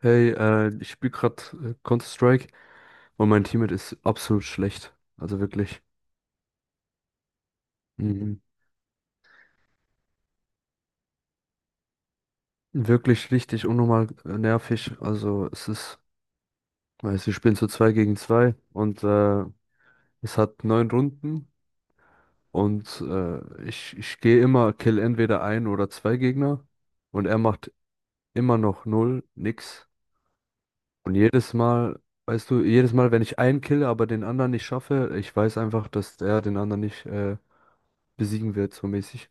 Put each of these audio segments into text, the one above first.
Hey, ich spiele gerade Counter-Strike und mein Teammate ist absolut schlecht. Also wirklich, mhm. Wirklich richtig unnormal nervig. Also es ist, weiß, wir spielen zu 2 gegen 2 und es hat neun Runden und ich gehe immer, kill entweder ein oder zwei Gegner und er macht immer noch null, nix. Und jedes Mal, weißt du, jedes Mal, wenn ich einen kille, aber den anderen nicht schaffe, ich weiß einfach, dass er den anderen nicht besiegen wird, so mäßig.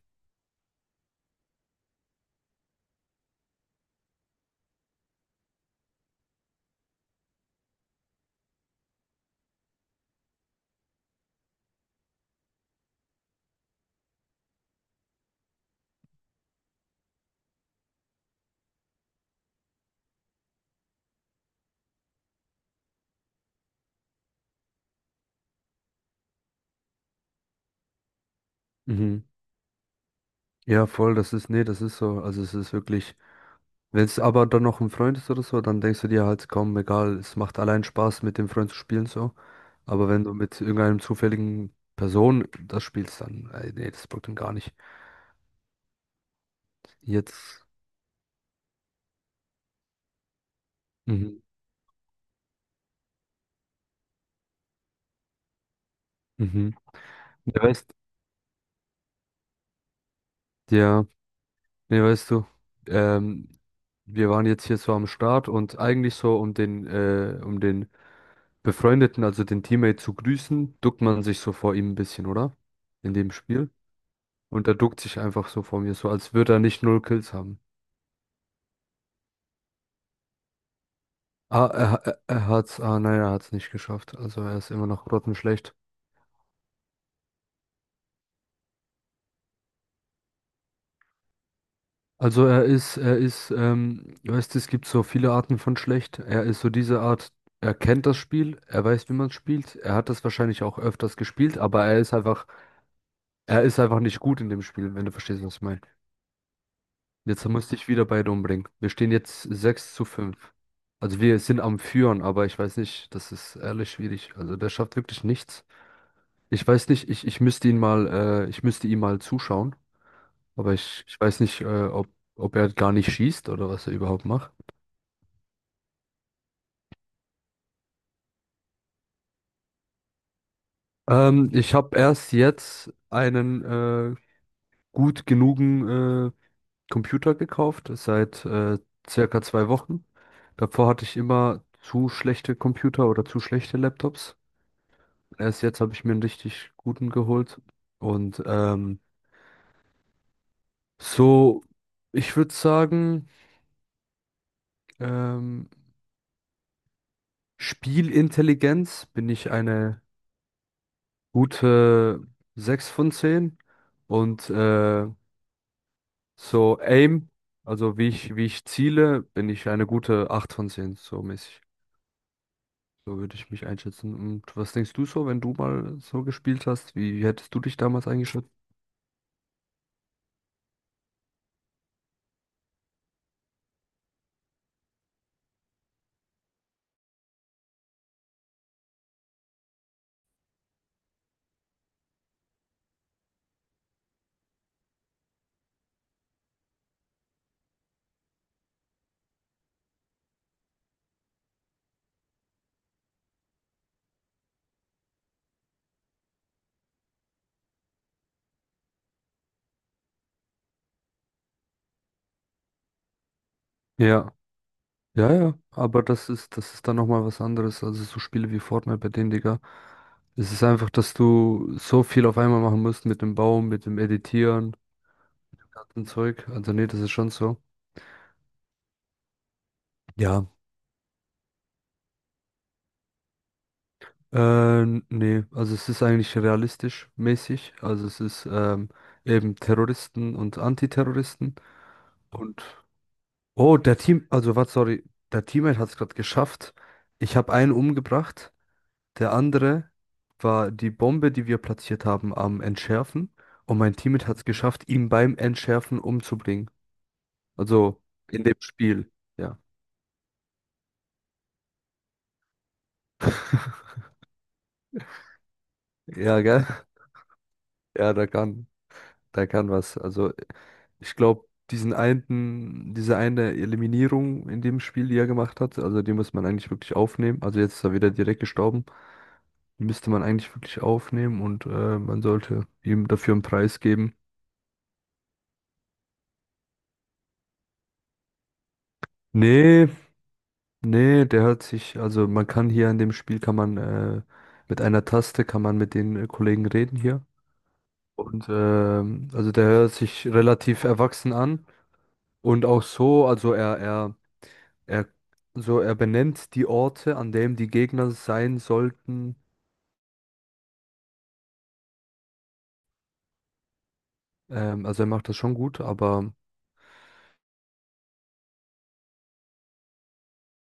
Mhm. Ja, voll, das ist, nee, das ist so. Also es ist wirklich, wenn es aber dann noch ein Freund ist oder so, dann denkst du dir halt, komm, egal, es macht allein Spaß, mit dem Freund zu spielen so. Aber wenn du mit irgendeinem zufälligen Person das spielst, dann, ey, nee, das bockt dann gar nicht. Jetzt, mhm, mhm. Ja, weißt, ja, nee, weißt du, ähm, wir waren jetzt hier so am Start und eigentlich so, um den Befreundeten, also den Teammate zu grüßen, duckt man sich so vor ihm ein bisschen, oder? In dem Spiel. Und er duckt sich einfach so vor mir, so als würde er nicht null Kills haben. Ah, er hat's, ah nein, er hat's nicht geschafft. Also er ist immer noch grottenschlecht. Also er ist, du weißt, es gibt so viele Arten von schlecht. Er ist so diese Art, er kennt das Spiel, er weiß, wie man es spielt. Er hat das wahrscheinlich auch öfters gespielt, aber er ist einfach nicht gut in dem Spiel, wenn du verstehst, was ich meine. Jetzt musste ich wieder beide umbringen. Wir stehen jetzt 6:5. Also wir sind am Führen, aber ich weiß nicht, das ist ehrlich schwierig. Also der schafft wirklich nichts. Ich weiß nicht, ich müsste ihn mal, ich müsste ihm mal zuschauen, aber ich weiß nicht, ob er gar nicht schießt oder was er überhaupt macht. Ich habe erst jetzt einen gut genugen Computer gekauft, seit circa 2 Wochen. Davor hatte ich immer zu schlechte Computer oder zu schlechte Laptops. Erst jetzt habe ich mir einen richtig guten geholt. Und so, ich würde sagen, ähm, Spielintelligenz bin ich eine gute 6 von 10 und so Aim, also wie ich ziele, bin ich eine gute 8 von 10 so mäßig. So würde ich mich einschätzen. Und was denkst du so, wenn du mal so gespielt hast? Wie hättest du dich damals eingeschätzt? Ja, ja, ja, aber das ist dann nochmal was anderes. Also so Spiele wie Fortnite bei denen, Digga. Es ist einfach, dass du so viel auf einmal machen musst mit dem Baum, mit dem Editieren. Kartenzeug, also nee, das ist schon so. Ja. Äh, nee, also es ist eigentlich realistisch mäßig. Also es ist eben Terroristen und Antiterroristen. Und oh, der Team, also was, sorry, der Teammate hat es gerade geschafft. Ich habe einen umgebracht. Der andere war die Bombe, die wir platziert haben, am Entschärfen. Und mein Teammate hat es geschafft, ihn beim Entschärfen umzubringen. Also in dem Spiel. Ja. Ja, gell? Ja, da kann was. Also ich glaube, diesen einen, diese eine Eliminierung in dem Spiel, die er gemacht hat, also die muss man eigentlich wirklich aufnehmen. Also jetzt ist er wieder direkt gestorben. Die müsste man eigentlich wirklich aufnehmen und man sollte ihm dafür einen Preis geben. Nee, nee, der hat sich, also man kann hier in dem Spiel, kann man mit einer Taste, kann man mit den Kollegen reden hier. Und also der hört sich relativ erwachsen an. Und auch so, also Er, so, er benennt die Orte, an denen die Gegner sein sollten. Also er macht das schon gut, aber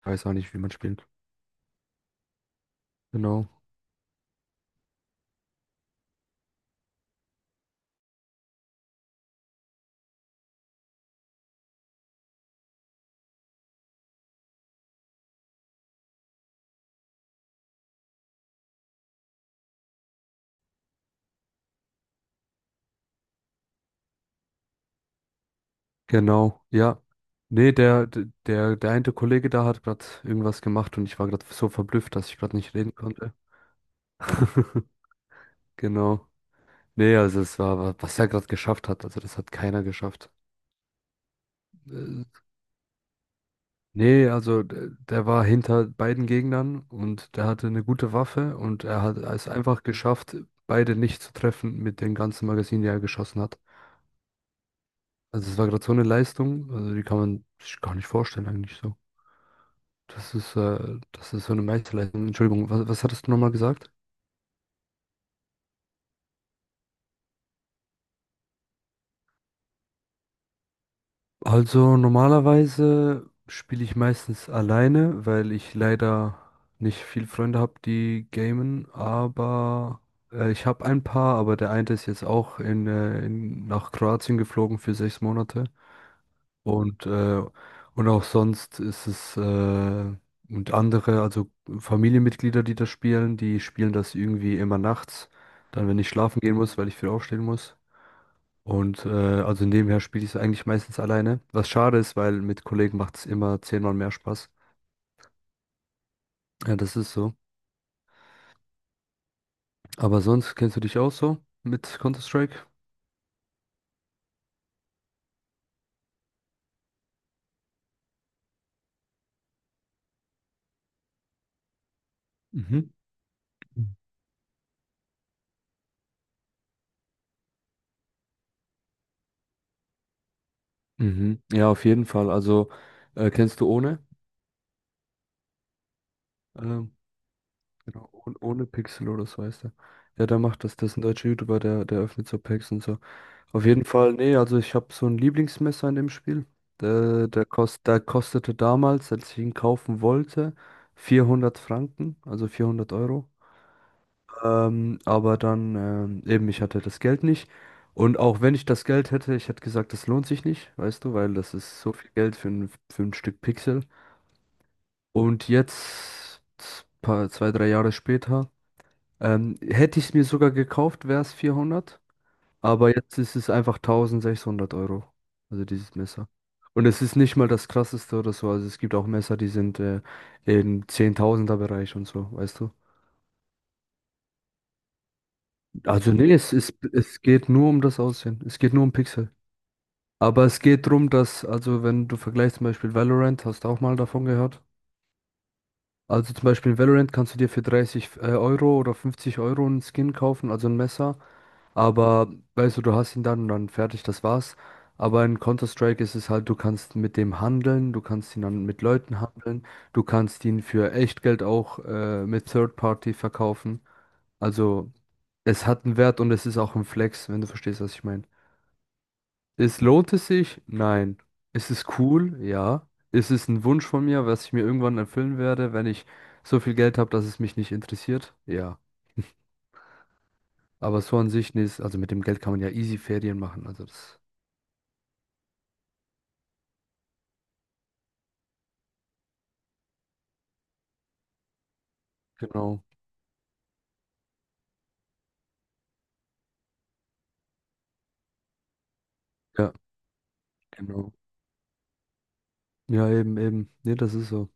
weiß auch nicht, wie man spielt. Genau, genau, ja. Nee, der eine Kollege da hat gerade irgendwas gemacht und ich war gerade so verblüfft, dass ich gerade nicht reden konnte. Genau. Nee, also es war, was er gerade geschafft hat, also das hat keiner geschafft. Äh, Nee, also der war hinter beiden Gegnern und der hatte eine gute Waffe und er hat es einfach geschafft, beide nicht zu treffen mit den ganzen Magazinen, die er geschossen hat. Also es war gerade so eine Leistung, also die kann man sich gar nicht vorstellen eigentlich so. Das ist so eine Meisterleistung. Entschuldigung, was hattest du nochmal gesagt? Also normalerweise spiele ich meistens alleine, weil ich leider nicht viel Freunde habe, die gamen, aber ich habe ein paar, aber der eine ist jetzt auch nach Kroatien geflogen für 6 Monate und, äh, und auch sonst ist es und andere, also Familienmitglieder, die das spielen, die spielen das irgendwie immer nachts, dann wenn ich schlafen gehen muss, weil ich früh aufstehen muss. Und also nebenher spiele ich es eigentlich meistens alleine. Was schade ist, weil mit Kollegen macht es immer zehnmal mehr Spaß. Ja, das ist so. Aber sonst kennst du dich auch so mit Counter-Strike? Mhm. Mhm. Ja, auf jeden Fall. Also kennst du ohne? Ähm, genau, ohne Pixel oder so heißt er. Ja, der macht das. Das ist ein deutscher YouTuber, der öffnet so Packs und so. Auf jeden Fall, nee, also ich habe so ein Lieblingsmesser in dem Spiel. Der kostete damals, als ich ihn kaufen wollte, 400 Franken, also 400 Euro. Aber dann eben, ich hatte das Geld nicht. Und auch wenn ich das Geld hätte, ich hätte gesagt, das lohnt sich nicht, weißt du, weil das ist so viel Geld für ein Stück Pixel. Und jetzt, paar, zwei, drei Jahre später, hätte ich es mir sogar gekauft, wäre es 400. Aber jetzt ist es einfach 1600 Euro. Also dieses Messer. Und es ist nicht mal das krasseste oder so. Also es gibt auch Messer, die sind im Zehntausender Bereich und so, weißt du? Also nee, es ist, es geht nur um das Aussehen. Es geht nur um Pixel. Aber es geht darum, dass, also wenn du vergleichst zum Beispiel Valorant, hast du auch mal davon gehört? Also zum Beispiel in Valorant kannst du dir für 30 Euro oder 50 Euro einen Skin kaufen, also ein Messer. Aber weißt du, du hast ihn dann und dann fertig, das war's. Aber in Counter-Strike ist es halt, du kannst mit dem handeln, du kannst ihn dann mit Leuten handeln, du kannst ihn für Echtgeld auch mit Third Party verkaufen. Also es hat einen Wert und es ist auch ein Flex, wenn du verstehst, was ich meine. Es lohnt es sich? Nein. Ist es cool? Ja. Ist es ein Wunsch von mir, was ich mir irgendwann erfüllen werde, wenn ich so viel Geld habe, dass es mich nicht interessiert? Ja. Aber so an sich, nee, ist- also mit dem Geld kann man ja easy Ferien machen. Also das, genau. Ja, genau. Ja, eben, eben. Nee, das ist so.